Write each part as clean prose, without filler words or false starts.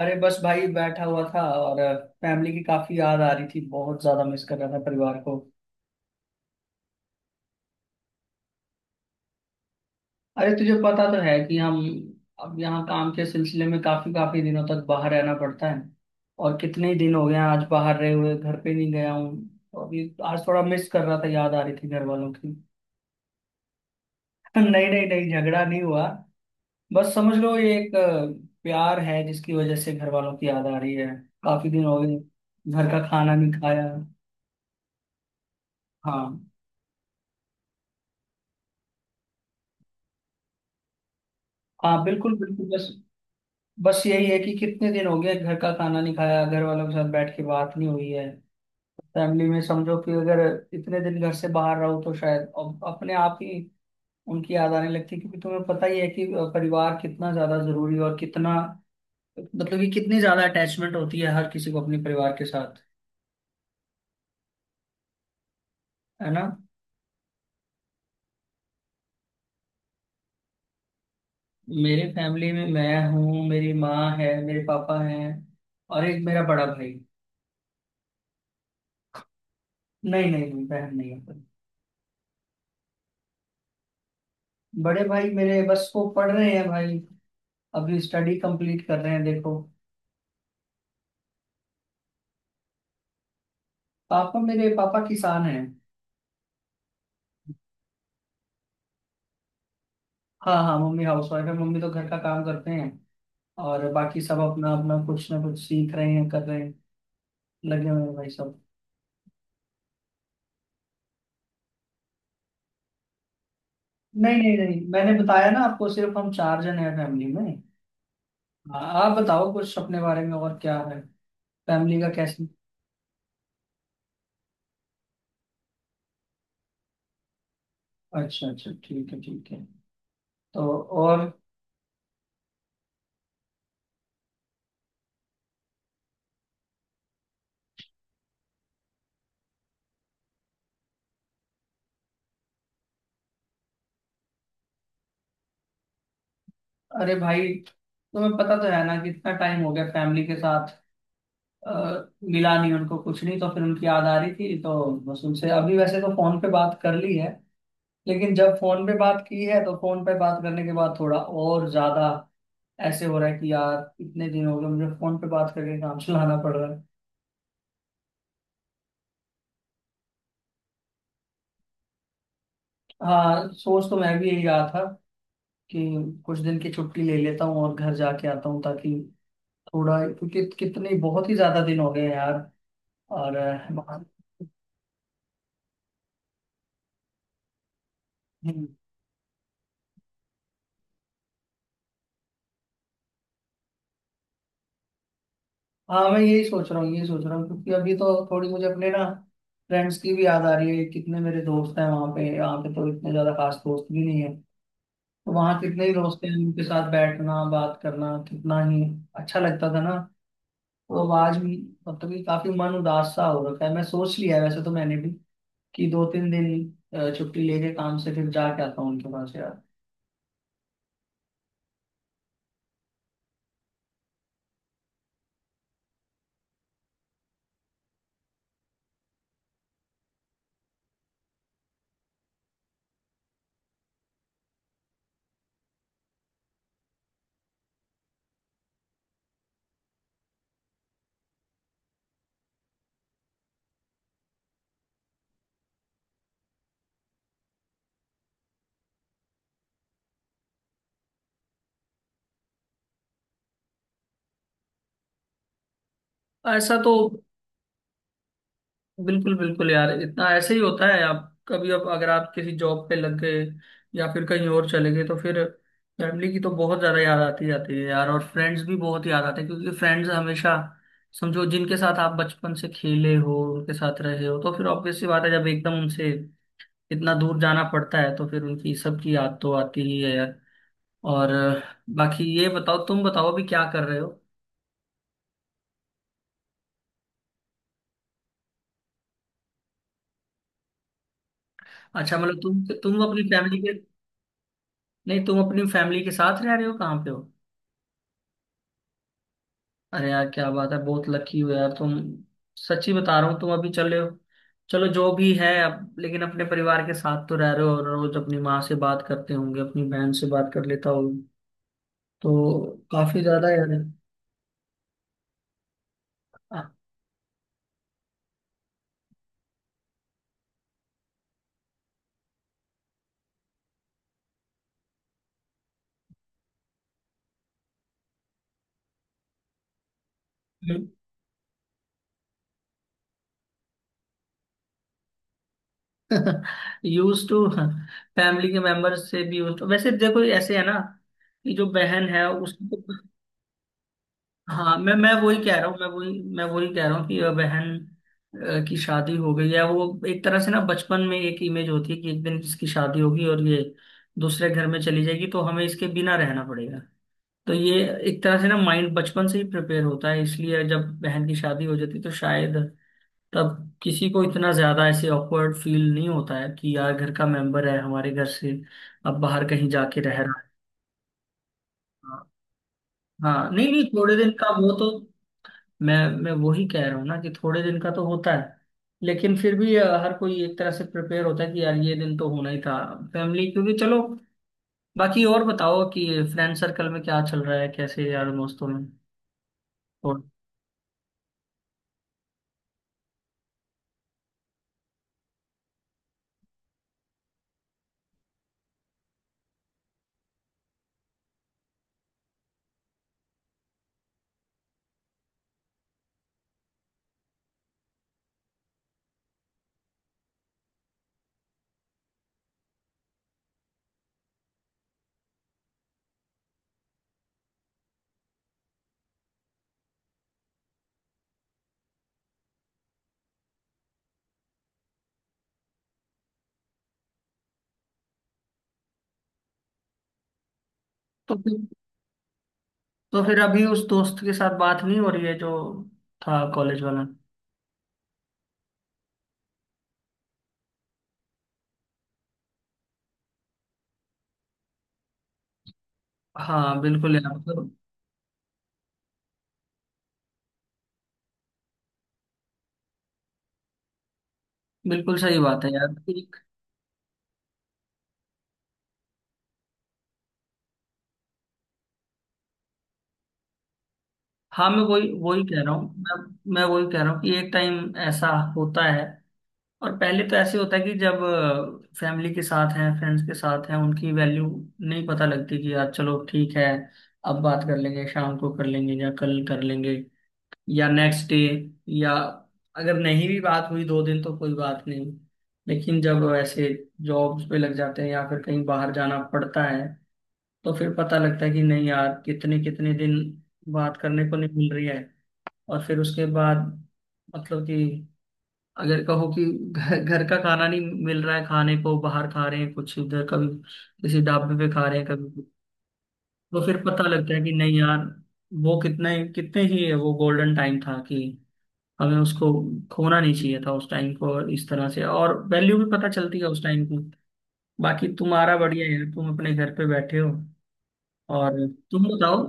अरे बस भाई बैठा हुआ था और फैमिली की काफी याद आ रही थी। बहुत ज्यादा मिस कर रहा था परिवार को। अरे तुझे पता तो है कि हम अब यहाँ काम के सिलसिले में काफी काफी दिनों तक बाहर रहना पड़ता है। और कितने ही दिन हो गए हैं आज बाहर रहे हुए, घर पे नहीं गया हूँ, तो अभी आज थोड़ा मिस कर रहा था, याद आ रही थी घर वालों की। नहीं नहीं नहीं, झगड़ा नहीं हुआ। बस समझ लो ये एक प्यार है जिसकी वजह से घर वालों की याद आ रही है। काफी दिन हो गए, घर का खाना नहीं खाया। हाँ हाँ, बिल्कुल बिल्कुल। बस, बस यही है कि कितने दिन हो गए घर का खाना नहीं खाया, घर वालों के साथ बैठ के बात नहीं हुई है। फैमिली में समझो कि अगर इतने दिन घर से बाहर रहो तो शायद अब अपने आप ही उनकी याद आने लगती है, क्योंकि तुम्हें पता ही है कि परिवार कितना ज्यादा जरूरी है, और कितना, मतलब कि कितनी ज्यादा अटैचमेंट होती है हर किसी को अपने परिवार के साथ। है ना। मेरे फैमिली में मैं हूँ, मेरी माँ है, मेरे पापा हैं, और एक मेरा बड़ा भाई। नहीं नहीं नहीं, बहन नहीं है। बड़े भाई मेरे, बस वो पढ़ रहे हैं भाई। अभी स्टडी कंप्लीट कर रहे हैं, देखो। पापा, मेरे पापा किसान हैं। हाँ हाँ, मम्मी हाउसवाइफ है। मम्मी तो घर का काम करते हैं। और बाकी सब अपना अपना कुछ ना कुछ सीख रहे हैं, कर रहे हैं। लगे हुए हैं भाई सब। नहीं नहीं नहीं, मैंने बताया ना आपको, सिर्फ हम 4 जन हैं फैमिली में। हाँ, आप बताओ कुछ अपने बारे में, और क्या है फैमिली का, कैसे। अच्छा अच्छा, ठीक है ठीक है। तो। और। अरे भाई तुम्हें पता तो है ना कितना टाइम हो गया फैमिली के साथ अ, मिला नहीं उनको कुछ नहीं, तो फिर उनकी याद आ रही थी, तो बस उनसे अभी वैसे तो फोन पे बात कर ली है। लेकिन जब फोन पे बात की है, तो फोन पे बात करने के बाद थोड़ा और ज्यादा ऐसे हो रहा है कि यार इतने दिन हो गए मुझे फोन पे बात करके काम चलाना पड़ रहा है। हाँ सोच तो मैं भी यही रहा था कि कुछ दिन की छुट्टी ले लेता हूँ और घर जाके आता हूँ, ताकि थोड़ा, क्योंकि कितने, बहुत ही ज्यादा दिन हो गए हैं यार। और अ, हाँ मैं यही सोच रहा हूँ, यही सोच रहा हूँ, क्योंकि अभी तो थोड़ी मुझे अपने ना फ्रेंड्स की भी याद आ रही है। कितने मेरे दोस्त हैं वहाँ पे, यहाँ पे तो इतने ज्यादा खास दोस्त भी नहीं है। तो वहाँ कितने ही दोस्त हैं, उनके साथ बैठना, बात करना कितना ही अच्छा लगता था ना। तो अब आज भी, मतलब कि काफी मन उदास सा हो रखा है। मैं सोच लिया है वैसे तो मैंने भी कि 2-3 दिन छुट्टी लेके काम से फिर जाके आता हूँ उनके पास यार। ऐसा तो, बिल्कुल बिल्कुल यार, इतना ऐसे ही होता है। आप कभी, अब अगर आप किसी जॉब पे लग गए या फिर कहीं और चले गए, तो फिर फैमिली की तो बहुत ज्यादा याद आती जाती है यार, और फ्रेंड्स भी बहुत याद आते हैं। क्योंकि फ्रेंड्स हमेशा, समझो जिनके साथ आप बचपन से खेले हो, उनके साथ रहे हो, तो फिर ऑब्वियस सी बात है, जब एकदम उनसे इतना दूर जाना पड़ता है तो फिर उनकी सबकी याद तो आती ही है यार। और बाकी ये बताओ, तुम बताओ अभी क्या कर रहे हो। अच्छा मतलब तुम अपनी फैमिली के, नहीं तुम अपनी फैमिली के साथ रह रहे हो, कहाँ पे हो। अरे यार क्या बात है, बहुत लकी हो यार तुम। सच्ची बता रहा हूँ तुम अभी चले हो। चलो जो भी है, अब लेकिन अपने परिवार के साथ तो रह रहे हो, और रोज अपनी माँ से बात करते होंगे, अपनी बहन से बात कर लेता हो। तो काफी ज्यादा यार। यूज टू फैमिली के मेंबर्स से भी यूज टू, वैसे देखो ऐसे है ना, कि जो बहन है उसको। हाँ मैं वही कह रहा हूँ, मैं वही कह रहा हूँ कि बहन की शादी हो गई है। वो एक तरह से ना बचपन में एक इमेज होती है कि एक दिन इसकी शादी होगी और ये दूसरे घर में चली जाएगी, तो हमें इसके बिना रहना पड़ेगा। तो ये एक तरह से ना माइंड बचपन से ही प्रिपेयर होता है, इसलिए जब बहन की शादी हो जाती है तो शायद तब किसी को इतना ज्यादा ऐसे ऑकवर्ड फील नहीं होता है कि यार घर का मेंबर है हमारे घर से अब बाहर कहीं जाके रह रहा है। हाँ नहीं नहीं, थोड़े दिन का वो तो। मैं मैं वही कह रहा हूँ ना कि थोड़े दिन का तो होता है, लेकिन फिर भी हर कोई एक तरह से प्रिपेयर होता है कि यार ये दिन तो होना ही था। फैमिली, क्योंकि चलो, बाकी और बताओ कि फ्रेंड सर्कल में क्या चल रहा है, कैसे यार दोस्तों में। और। तो फिर तो फिर अभी उस दोस्त के साथ बात नहीं हो रही है जो था, कॉलेज वाला। हाँ बिल्कुल यार, मतलब, बिल्कुल सही बात है यार। हाँ मैं वही वही कह रहा हूँ, मैं वही कह रहा हूँ कि एक टाइम ऐसा होता है। और पहले तो ऐसे होता है कि जब फैमिली के साथ हैं, फ्रेंड्स के साथ हैं, उनकी वैल्यू नहीं पता लगती, कि यार चलो ठीक है, अब बात कर लेंगे, शाम को कर लेंगे, या कल कर लेंगे, या नेक्स्ट डे, या अगर नहीं भी बात हुई दो दिन तो कोई बात नहीं। लेकिन जब ऐसे जॉब्स पे लग जाते हैं या फिर कहीं बाहर जाना पड़ता है, तो फिर पता लगता है कि नहीं यार, कितने कितने दिन बात करने को नहीं मिल रही है। और फिर उसके बाद मतलब कि, अगर कहो कि घर घर का खाना नहीं मिल रहा है, खाने को बाहर खा रहे हैं कुछ उधर, कभी किसी ढाबे पे खा रहे हैं, कभी कुछ। तो फिर पता लगता है कि नहीं यार, वो कितना ही, कितने ही वो गोल्डन टाइम था, कि हमें उसको खोना नहीं चाहिए था उस टाइम को इस तरह से, और वैल्यू भी पता चलती है उस टाइम की। बाकी तुम्हारा बढ़िया है, तुम अपने घर पे बैठे हो। और तुम बताओ।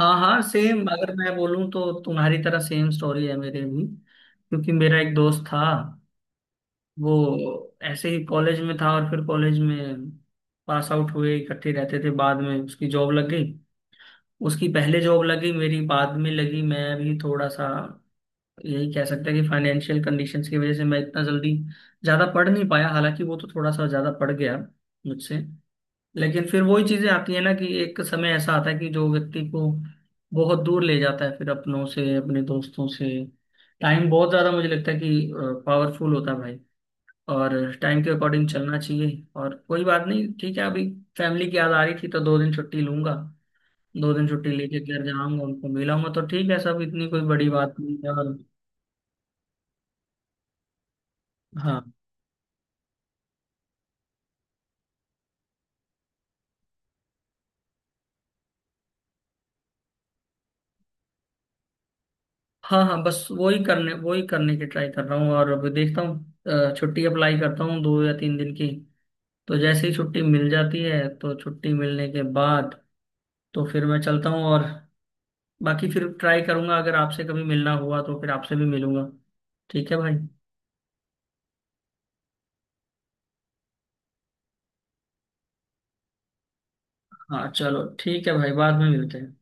हाँ हाँ, सेम अगर मैं बोलूँ तो तुम्हारी तरह सेम स्टोरी है मेरे भी, क्योंकि मेरा एक दोस्त था, वो ऐसे ही कॉलेज में था, और फिर कॉलेज में पास आउट हुए, इकट्ठे रहते थे, बाद में उसकी जॉब लग गई। उसकी पहले जॉब लगी, मेरी बाद में लगी। मैं भी थोड़ा सा, यही कह सकते हैं कि फाइनेंशियल कंडीशंस की वजह से मैं इतना जल्दी ज़्यादा पढ़ नहीं पाया, हालांकि वो तो थोड़ा सा ज़्यादा पढ़ गया मुझसे। लेकिन फिर वही चीज़ें आती हैं ना, कि एक समय ऐसा आता है कि जो व्यक्ति को बहुत दूर ले जाता है फिर अपनों से, अपने दोस्तों से। टाइम बहुत ज़्यादा मुझे लगता है कि पावरफुल होता है भाई। और टाइम के अकॉर्डिंग चलना चाहिए, और कोई बात नहीं, ठीक है। अभी फैमिली की याद आ रही थी तो 2 दिन छुट्टी लूंगा, 2 दिन छुट्टी लेके घर जाऊंगा, उनको मिलाऊंगा, तो ठीक है। सब इतनी कोई बड़ी बात नहीं है। और हाँ हाँ हाँ, बस वही करने की ट्राई कर रहा हूँ। और अभी देखता हूँ छुट्टी अप्लाई करता हूँ 2 या 3 दिन की। तो जैसे ही छुट्टी मिल जाती है, तो छुट्टी मिलने के बाद तो फिर मैं चलता हूँ। और बाकी फिर ट्राई करूंगा, अगर आपसे कभी मिलना हुआ तो फिर आपसे भी मिलूंगा। ठीक है भाई। हाँ चलो ठीक है भाई, बाद में मिलते हैं।